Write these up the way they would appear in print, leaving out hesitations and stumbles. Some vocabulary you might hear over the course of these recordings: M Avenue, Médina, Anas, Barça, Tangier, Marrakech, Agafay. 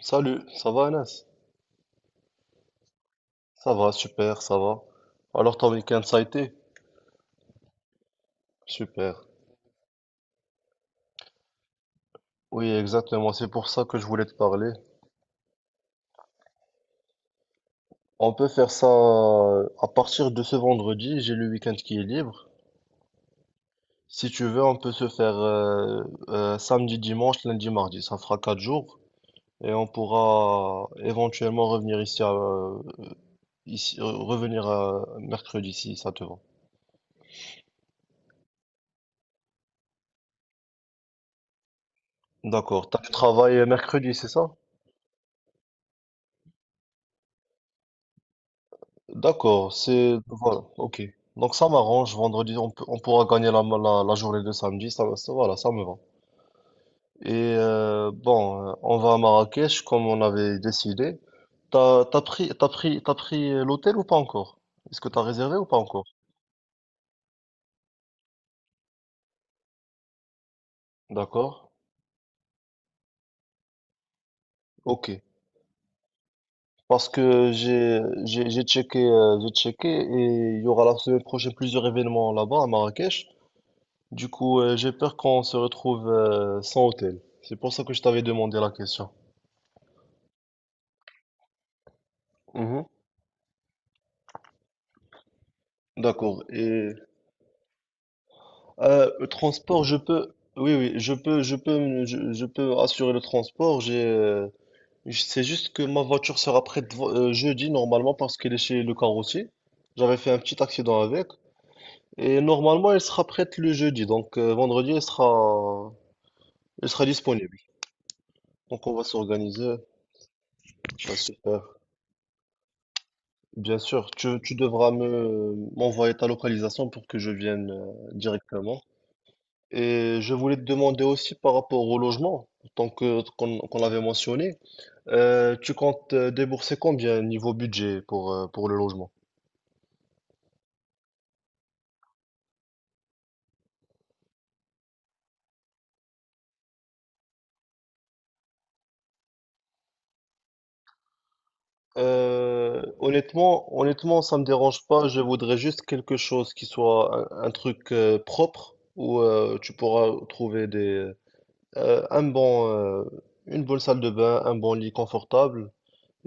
Salut, ça va Anas? Ça va, super, ça va. Alors ton week-end, ça a été? Super. Oui, exactement, c'est pour ça que je voulais te parler. On peut faire ça à partir de ce vendredi, j'ai le week-end qui est libre. Si tu veux, on peut se faire samedi, dimanche, lundi, mardi. Ça fera 4 jours et on pourra éventuellement revenir ici, à, ici revenir mercredi si ça te va. D'accord, t'as du travail mercredi, c'est ça? D'accord, c'est voilà, ok. Donc ça m'arrange, vendredi, on pourra gagner la journée de samedi, voilà, ça me va. Et bon, on va à Marrakech comme on avait décidé. T'as pris l'hôtel ou pas encore? Est-ce que t'as réservé ou pas encore? D'accord, ok. Parce que j'ai checké, j'ai checké et il y aura la semaine prochaine plusieurs événements là-bas à Marrakech. Du coup, j'ai peur qu'on se retrouve sans hôtel. C'est pour ça que je t'avais demandé la question. Mhm. D'accord. Et le transport, je peux, oui, oui, je peux assurer le transport. C'est juste que ma voiture sera prête jeudi normalement parce qu'elle est chez le carrossier. J'avais fait un petit accident avec et normalement elle sera prête le jeudi. Donc vendredi elle sera disponible. Donc on va s'organiser. Ça se Bien sûr, tu devras me m'envoyer ta localisation pour que je vienne directement. Et je voulais te demander aussi par rapport au logement, tant que qu'on qu'on l'avait mentionné, tu comptes débourser combien niveau budget pour le logement? Honnêtement, honnêtement, ça me dérange pas. Je voudrais juste quelque chose qui soit un truc propre où tu pourras trouver des un bon une bonne salle de bain, un bon lit confortable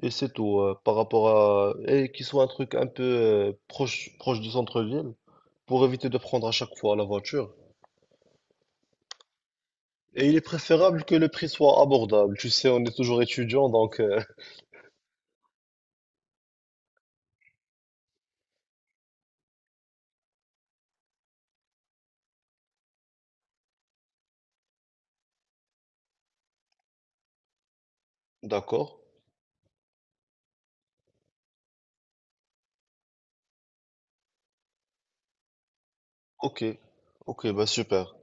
et c'est tout par rapport à et qui soit un truc un peu proche du centre-ville. Pour éviter de prendre à chaque fois la voiture. Et il est préférable que le prix soit abordable. Tu sais, on est toujours étudiant, donc d'accord. Ok, ok, bah super,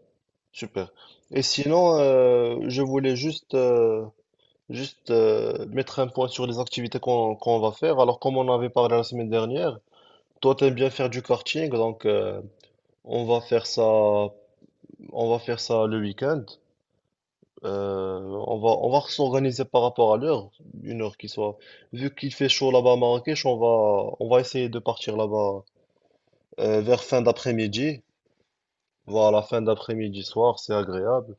super. Et sinon, je voulais juste, mettre un point sur les activités qu'on va faire. Alors, comme on avait parlé la semaine dernière, toi, t'aimes bien faire du karting, donc on va faire ça le week-end. Euh, on va s'organiser par rapport à l'heure, une heure qui soit. Vu qu'il fait chaud là-bas à Marrakech, on va essayer de partir là-bas vers fin d'après-midi. Voilà, fin d'après-midi soir, c'est agréable.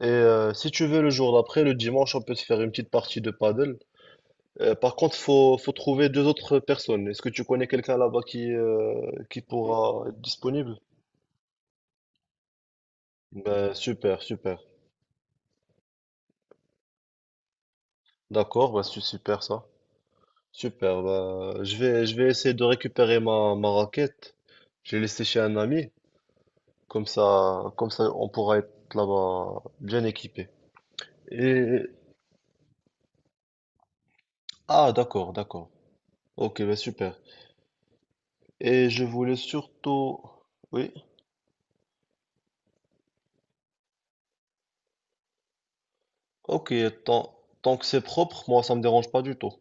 Et si tu veux le jour d'après, le dimanche, on peut se faire une petite partie de paddle. Par contre, faut trouver deux autres personnes. Est-ce que tu connais quelqu'un là-bas qui pourra être disponible? Ben, super, super. D'accord, ben, c'est super ça. Super, bah, je vais essayer de récupérer ma raquette. Je l'ai laissée chez un ami. Comme ça, on pourra être là-bas bien équipé. Et, ah, d'accord, d'accord. Ok, bah, super. Et je voulais surtout, oui. Ok, tant que c'est propre, moi, ça me dérange pas du tout.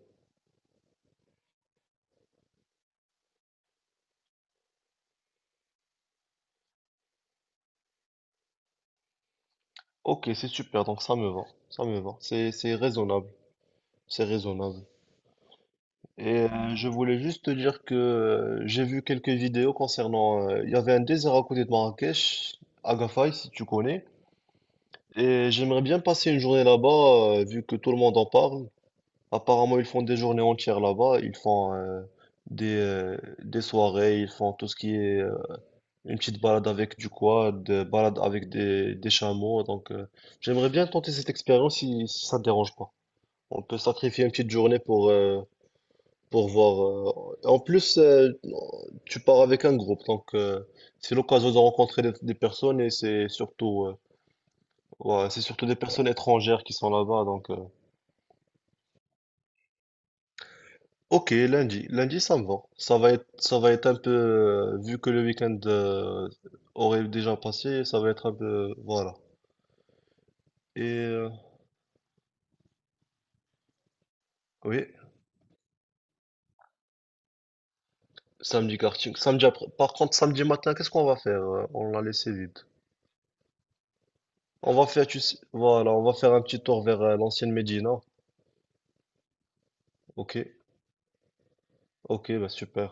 Ok, c'est super, donc ça me va. Ça me va. C'est raisonnable. C'est raisonnable. Et je voulais juste te dire que j'ai vu quelques vidéos concernant, il y avait un désert à côté de Marrakech, Agafay, si tu connais. Et j'aimerais bien passer une journée là-bas, vu que tout le monde en parle. Apparemment, ils font des journées entières là-bas. Ils font des, euh, des soirées, ils font tout ce qui est une petite balade avec du quad, balade avec des chameaux. Donc, j'aimerais bien tenter cette expérience si ça ne te dérange pas. On peut sacrifier une petite journée pour voir. En plus, tu pars avec un groupe, donc c'est l'occasion de rencontrer des personnes et c'est surtout, ouais, c'est surtout des personnes étrangères qui sont là-bas. Donc, ok, lundi, lundi, ça me va. Ça va être un peu, vu que le week-end aurait déjà passé, ça va être un peu, voilà. Et oui, samedi karting. Samedi après. Par contre, samedi matin, qu'est-ce qu'on va faire? On l'a laissé vide. On va faire, tu sais- Voilà, on va faire un petit tour vers l'ancienne Médina. Ok. Ok, bah super.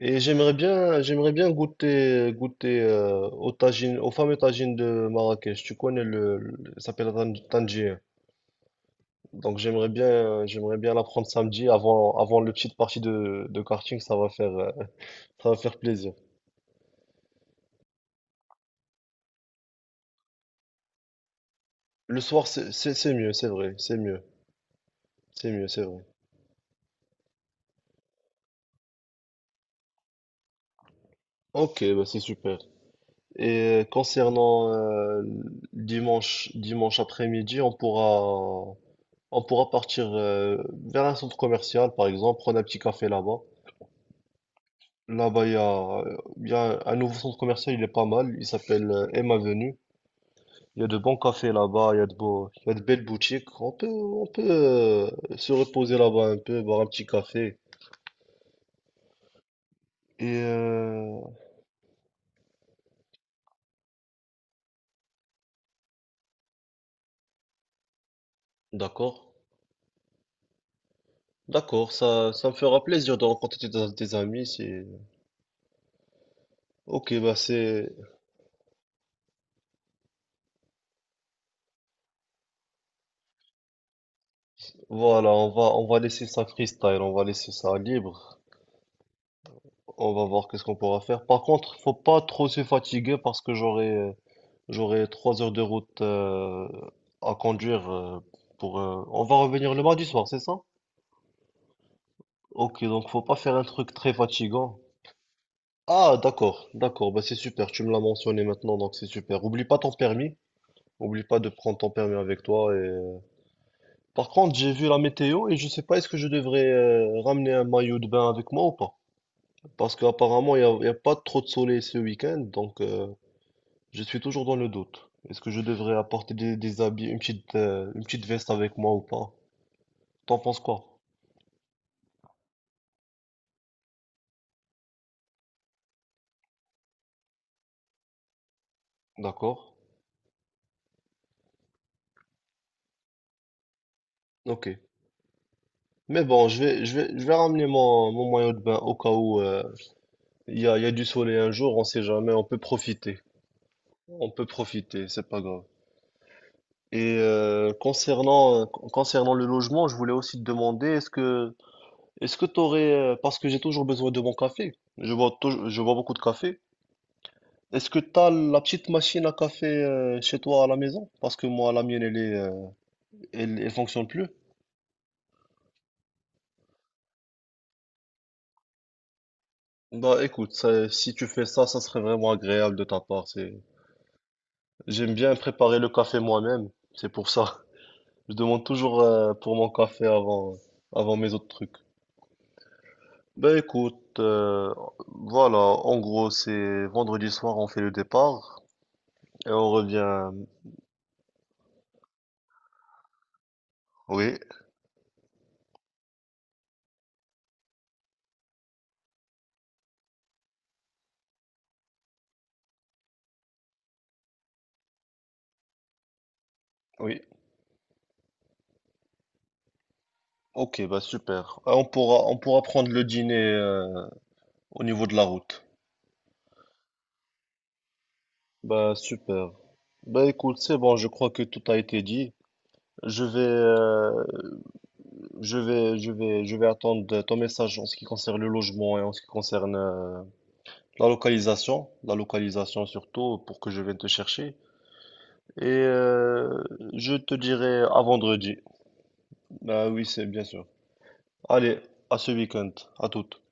Et j'aimerais bien goûter aux fameux tagines de Marrakech. Tu connais ça s'appelle Tangier. Donc j'aimerais bien la prendre samedi avant le petite partie de karting. Ça va faire plaisir. Le soir, c'est mieux, c'est vrai, c'est mieux, c'est mieux, c'est vrai. Ok, bah c'est super. Et concernant dimanche après-midi, on pourra partir vers un centre commercial, par exemple, prendre un petit café là-bas. Là-bas, il y a un nouveau centre commercial, il est pas mal. Il s'appelle M Avenue. Il y a de bons cafés là-bas, il y a de belles boutiques. On peut se reposer là-bas un peu, boire un petit café. Et d'accord, d'accord, ça me fera plaisir de rencontrer tes amis. C'est ok, bah c'est voilà, on va laisser ça freestyle, on va laisser ça libre. On va voir qu'est-ce qu'on pourra faire. Par contre, faut pas trop se fatiguer parce que j'aurai 3 heures de route à conduire pour. On va revenir le mardi soir, c'est ça? Ok, donc faut pas faire un truc très fatigant. Ah, d'accord, d'accord, bah c'est super. Tu me l'as mentionné maintenant, donc c'est super. Oublie pas ton permis. Oublie pas de prendre ton permis avec toi. Par contre, j'ai vu la météo et je sais pas est-ce que je devrais ramener un maillot de bain avec moi ou pas. Parce qu'apparemment, il y a pas trop de soleil ce week-end, je suis toujours dans le doute. Est-ce que je devrais apporter des habits, une petite veste avec moi ou pas? T'en penses quoi? D'accord? Ok. Mais bon, je vais ramener mon maillot de bain au cas où il y a du soleil un jour, on sait jamais, on peut profiter. On peut profiter, c'est pas grave. Et concernant, concernant le logement, je voulais aussi te demander, est-ce que t'aurais, parce que j'ai toujours besoin de mon café, je bois beaucoup de café. Est-ce que tu as la petite machine à café chez toi à la maison? Parce que moi, la mienne, elle fonctionne plus. Bah écoute, si tu fais ça, ça serait vraiment agréable de ta part. C'est... J'aime bien préparer le café moi-même, c'est pour ça. Je demande toujours pour mon café avant mes autres trucs. Bah écoute, voilà, en gros, c'est vendredi soir, on fait le départ et on revient. Oui, oui. Ok, bah super. On pourra prendre le dîner au niveau de la route. Bah super. Bah écoute, c'est bon, je crois que tout a été dit. Je vais, euh, je vais attendre ton message en ce qui concerne le logement et en ce qui concerne la localisation surtout pour que je vienne te chercher. Et je te dirai à vendredi. Bah oui, c'est bien sûr. Allez, à ce week-end, à toutes.